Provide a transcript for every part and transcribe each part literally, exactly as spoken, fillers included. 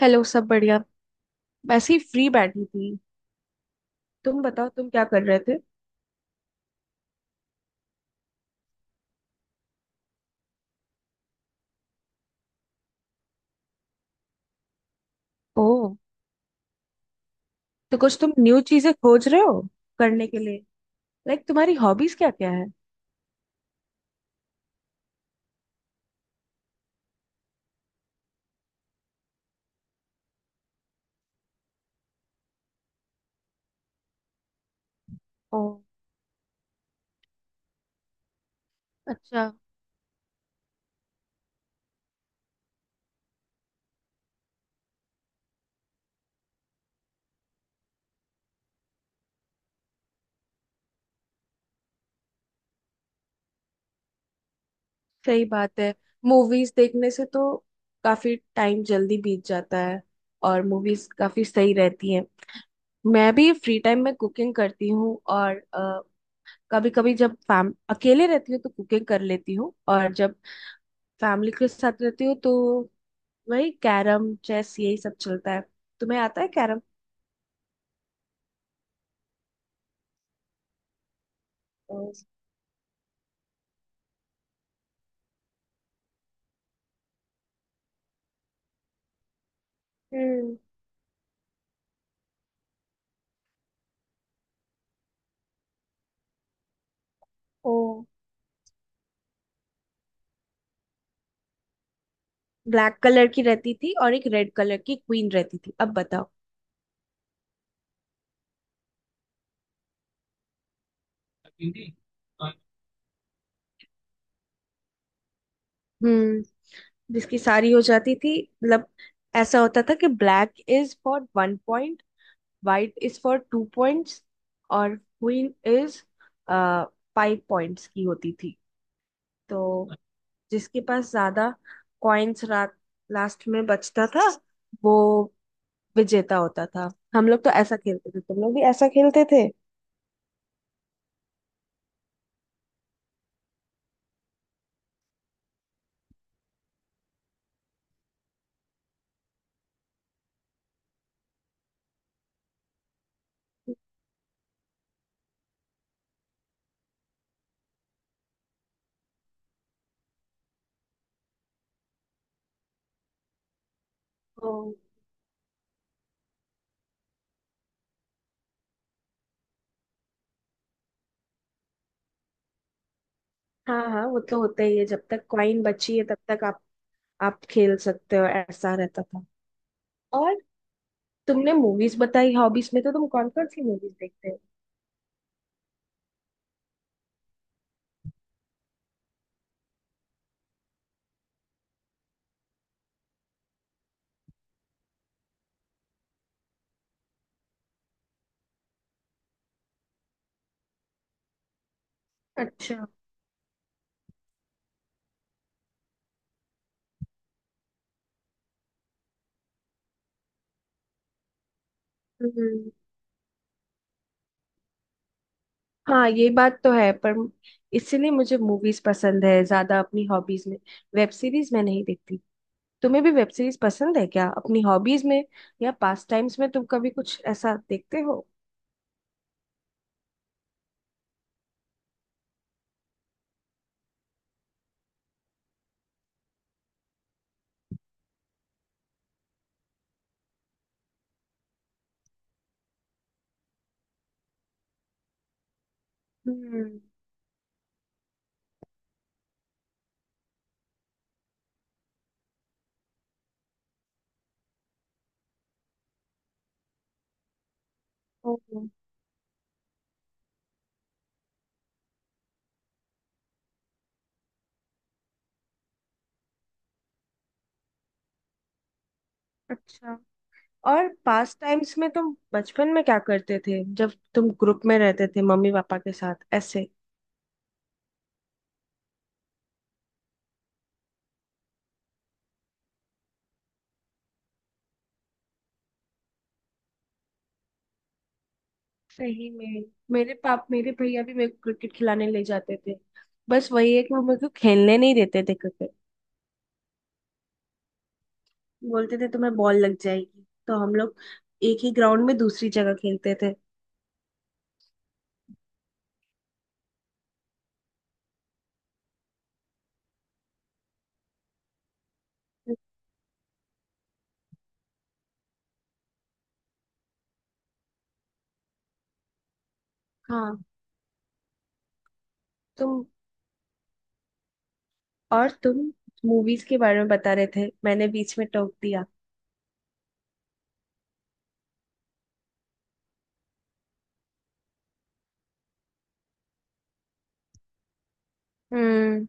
Hello. सब बढ़िया। वैसे ही फ्री बैठी थी। तुम बताओ, तुम क्या कर रहे थे? ओह। तो कुछ तुम न्यू चीजें खोज रहे हो करने के लिए। लाइक, तुम्हारी हॉबीज क्या क्या है? ओह, अच्छा। सही बात है। मूवीज देखने से तो काफी टाइम जल्दी बीत जाता है, और मूवीज काफी सही रहती हैं। मैं भी फ्री टाइम में कुकिंग करती हूँ, और कभी कभी जब फैम अकेले रहती हूँ तो कुकिंग कर लेती हूँ, और जब फैमिली के साथ रहती हूँ तो वही कैरम चेस यही सब चलता है। तुम्हें आता है कैरम? हम्म। ओ। ब्लैक कलर की रहती थी और एक रेड कलर की क्वीन रहती थी। अब बताओ। हम्म। जिसकी सारी हो जाती थी, मतलब ऐसा होता था कि black is for one point, white is for two points, और क्वीन इज फाइव पॉइंट्स की होती थी। तो जिसके पास ज्यादा कॉइन्स रात लास्ट में बचता था, वो विजेता होता था। हम लोग तो ऐसा खेलते थे, तुम लोग भी ऐसा खेलते थे? ओ, हाँ हाँ, वो तो होता ही है। जब तक कॉइन बची है तब तक आप आप खेल सकते हो, ऐसा रहता था। और तुमने मूवीज बताई हॉबीज में, तो तुम कौन कौन सी मूवीज देखते हो? अच्छा। हम्म। हाँ, ये बात तो है, पर इसीलिए मुझे मूवीज पसंद है ज्यादा अपनी हॉबीज में। वेब सीरीज मैं नहीं देखती। तुम्हें भी वेब सीरीज पसंद है क्या अपनी हॉबीज में, या पास टाइम्स में तुम कभी कुछ ऐसा देखते हो? हम्म। ओ, अच्छा। और पास टाइम्स में तुम बचपन में क्या करते थे जब तुम ग्रुप में रहते थे मम्मी पापा के साथ ऐसे? सही में? मेरे पाप मेरे भैया भी मेरे को क्रिकेट खिलाने ले जाते थे। बस वही है कि वो मेरे को खेलने नहीं देते थे क्रिकेट। बोलते थे तुम्हें बॉल लग जाएगी, तो हम लोग एक ही ग्राउंड में दूसरी जगह खेलते थे। हाँ। तुम और तुम मूवीज के बारे में बता रहे थे, मैंने बीच में टोक दिया। हम्म।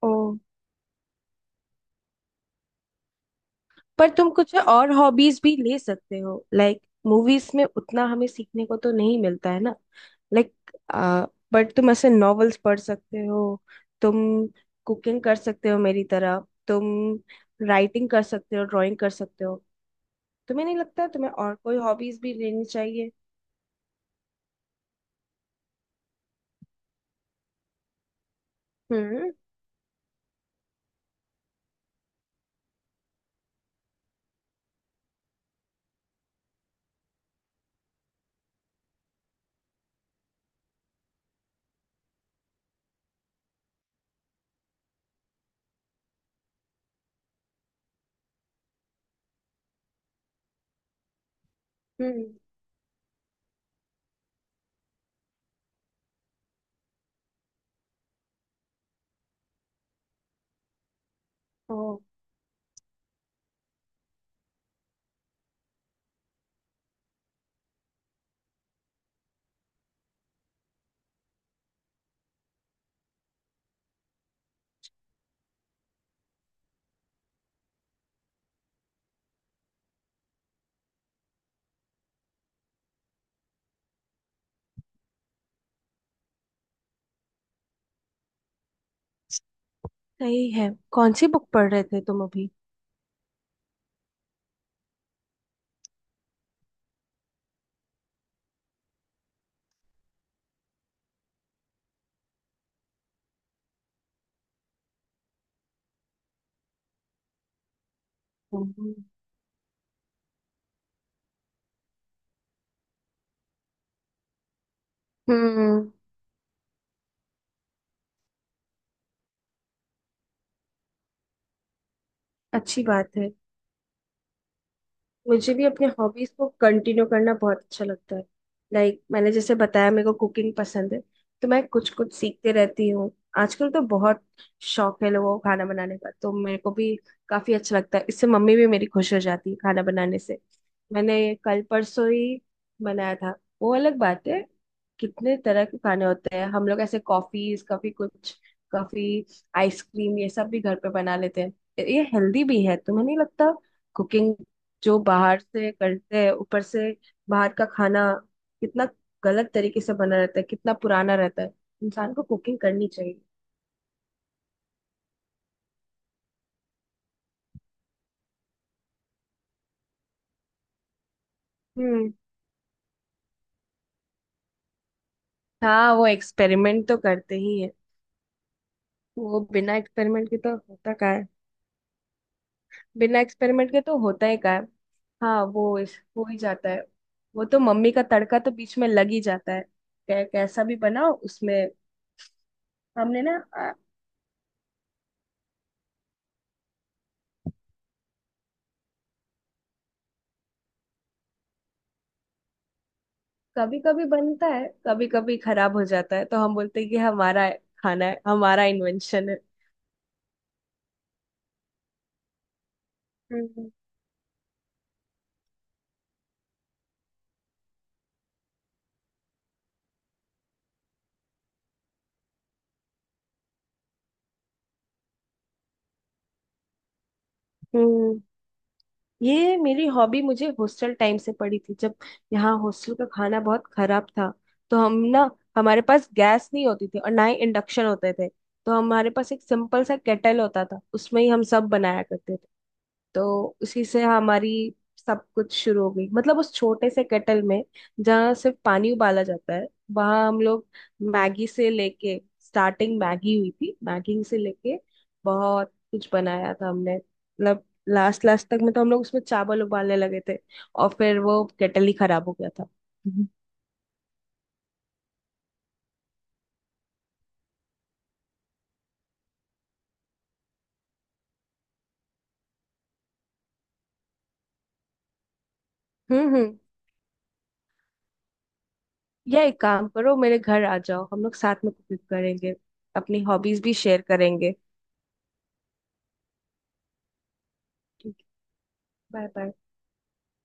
ओ। पर तुम कुछ और हॉबीज भी ले सकते हो। लाइक, मूवीज में उतना हमें सीखने को तो नहीं मिलता है ना। लाइक, बट तुम ऐसे नॉवेल्स पढ़ सकते हो, तुम कुकिंग कर सकते हो मेरी तरह, तुम राइटिंग कर सकते हो, ड्राइंग कर सकते हो। तुम्हें नहीं लगता तुम्हें और कोई हॉबीज भी लेनी चाहिए? हम्म। हम्म। ओ, सही है। कौन सी बुक पढ़ रहे थे तुम अभी? हम्म। हम्म। अच्छी बात है। मुझे भी अपने हॉबीज को कंटिन्यू करना बहुत अच्छा लगता है। लाइक, मैंने जैसे बताया, मेरे को कुकिंग पसंद है। तो मैं कुछ कुछ सीखते रहती हूँ। आजकल तो बहुत शौक है लोगों को खाना बनाने का, तो मेरे को भी काफी अच्छा लगता है। इससे मम्मी भी मेरी खुश हो जाती है खाना बनाने से। मैंने कल परसों ही बनाया था, वो अलग बात है। कितने तरह के खाने होते हैं, हम लोग ऐसे कॉफीज कभी कुछ, कभी आइसक्रीम ये सब भी घर पे बना लेते हैं। ये हेल्दी भी है। तुम्हें नहीं लगता कुकिंग जो बाहर से करते हैं, ऊपर से बाहर का खाना कितना गलत तरीके से बना रहता है, कितना पुराना रहता है? इंसान को कुकिंग करनी चाहिए। हम्म। हाँ, वो एक्सपेरिमेंट तो करते ही है। वो बिना एक्सपेरिमेंट के तो होता क्या है? बिना एक्सपेरिमेंट के तो होता ही क्या है? हाँ, वो इस हो ही जाता है। वो तो मम्मी का तड़का तो बीच में लग ही जाता है। कै, कैसा भी बनाओ उसमें। हमने ना कभी कभी बनता है, कभी कभी खराब हो जाता है, तो हम बोलते हैं कि हमारा खाना है, हमारा इन्वेंशन है। हम्म। हम्म। ये मेरी हॉबी मुझे हॉस्टल टाइम से पड़ी थी, जब यहाँ हॉस्टल का खाना बहुत खराब था। तो हम ना हमारे पास गैस नहीं होती थी और ना ही इंडक्शन होते थे। तो हमारे पास एक सिंपल सा केटल होता था, उसमें ही हम सब बनाया करते थे। तो उसी से हमारी सब कुछ शुरू हो गई, मतलब उस छोटे से केटल में जहाँ सिर्फ पानी उबाला जाता है, वहां हम लोग मैगी से लेके स्टार्टिंग मैगी हुई थी। मैगी से लेके बहुत कुछ बनाया था हमने, मतलब लास्ट लास्ट तक में तो हम लोग उसमें चावल उबालने लगे थे। और फिर वो केटल ही खराब हो गया था। हम्म। हम्म। हम्म। या एक काम करो, मेरे घर आ जाओ, हम लोग साथ में कुकिंग करेंगे, अपनी हॉबीज भी शेयर करेंगे। ठीक है। Bye bye.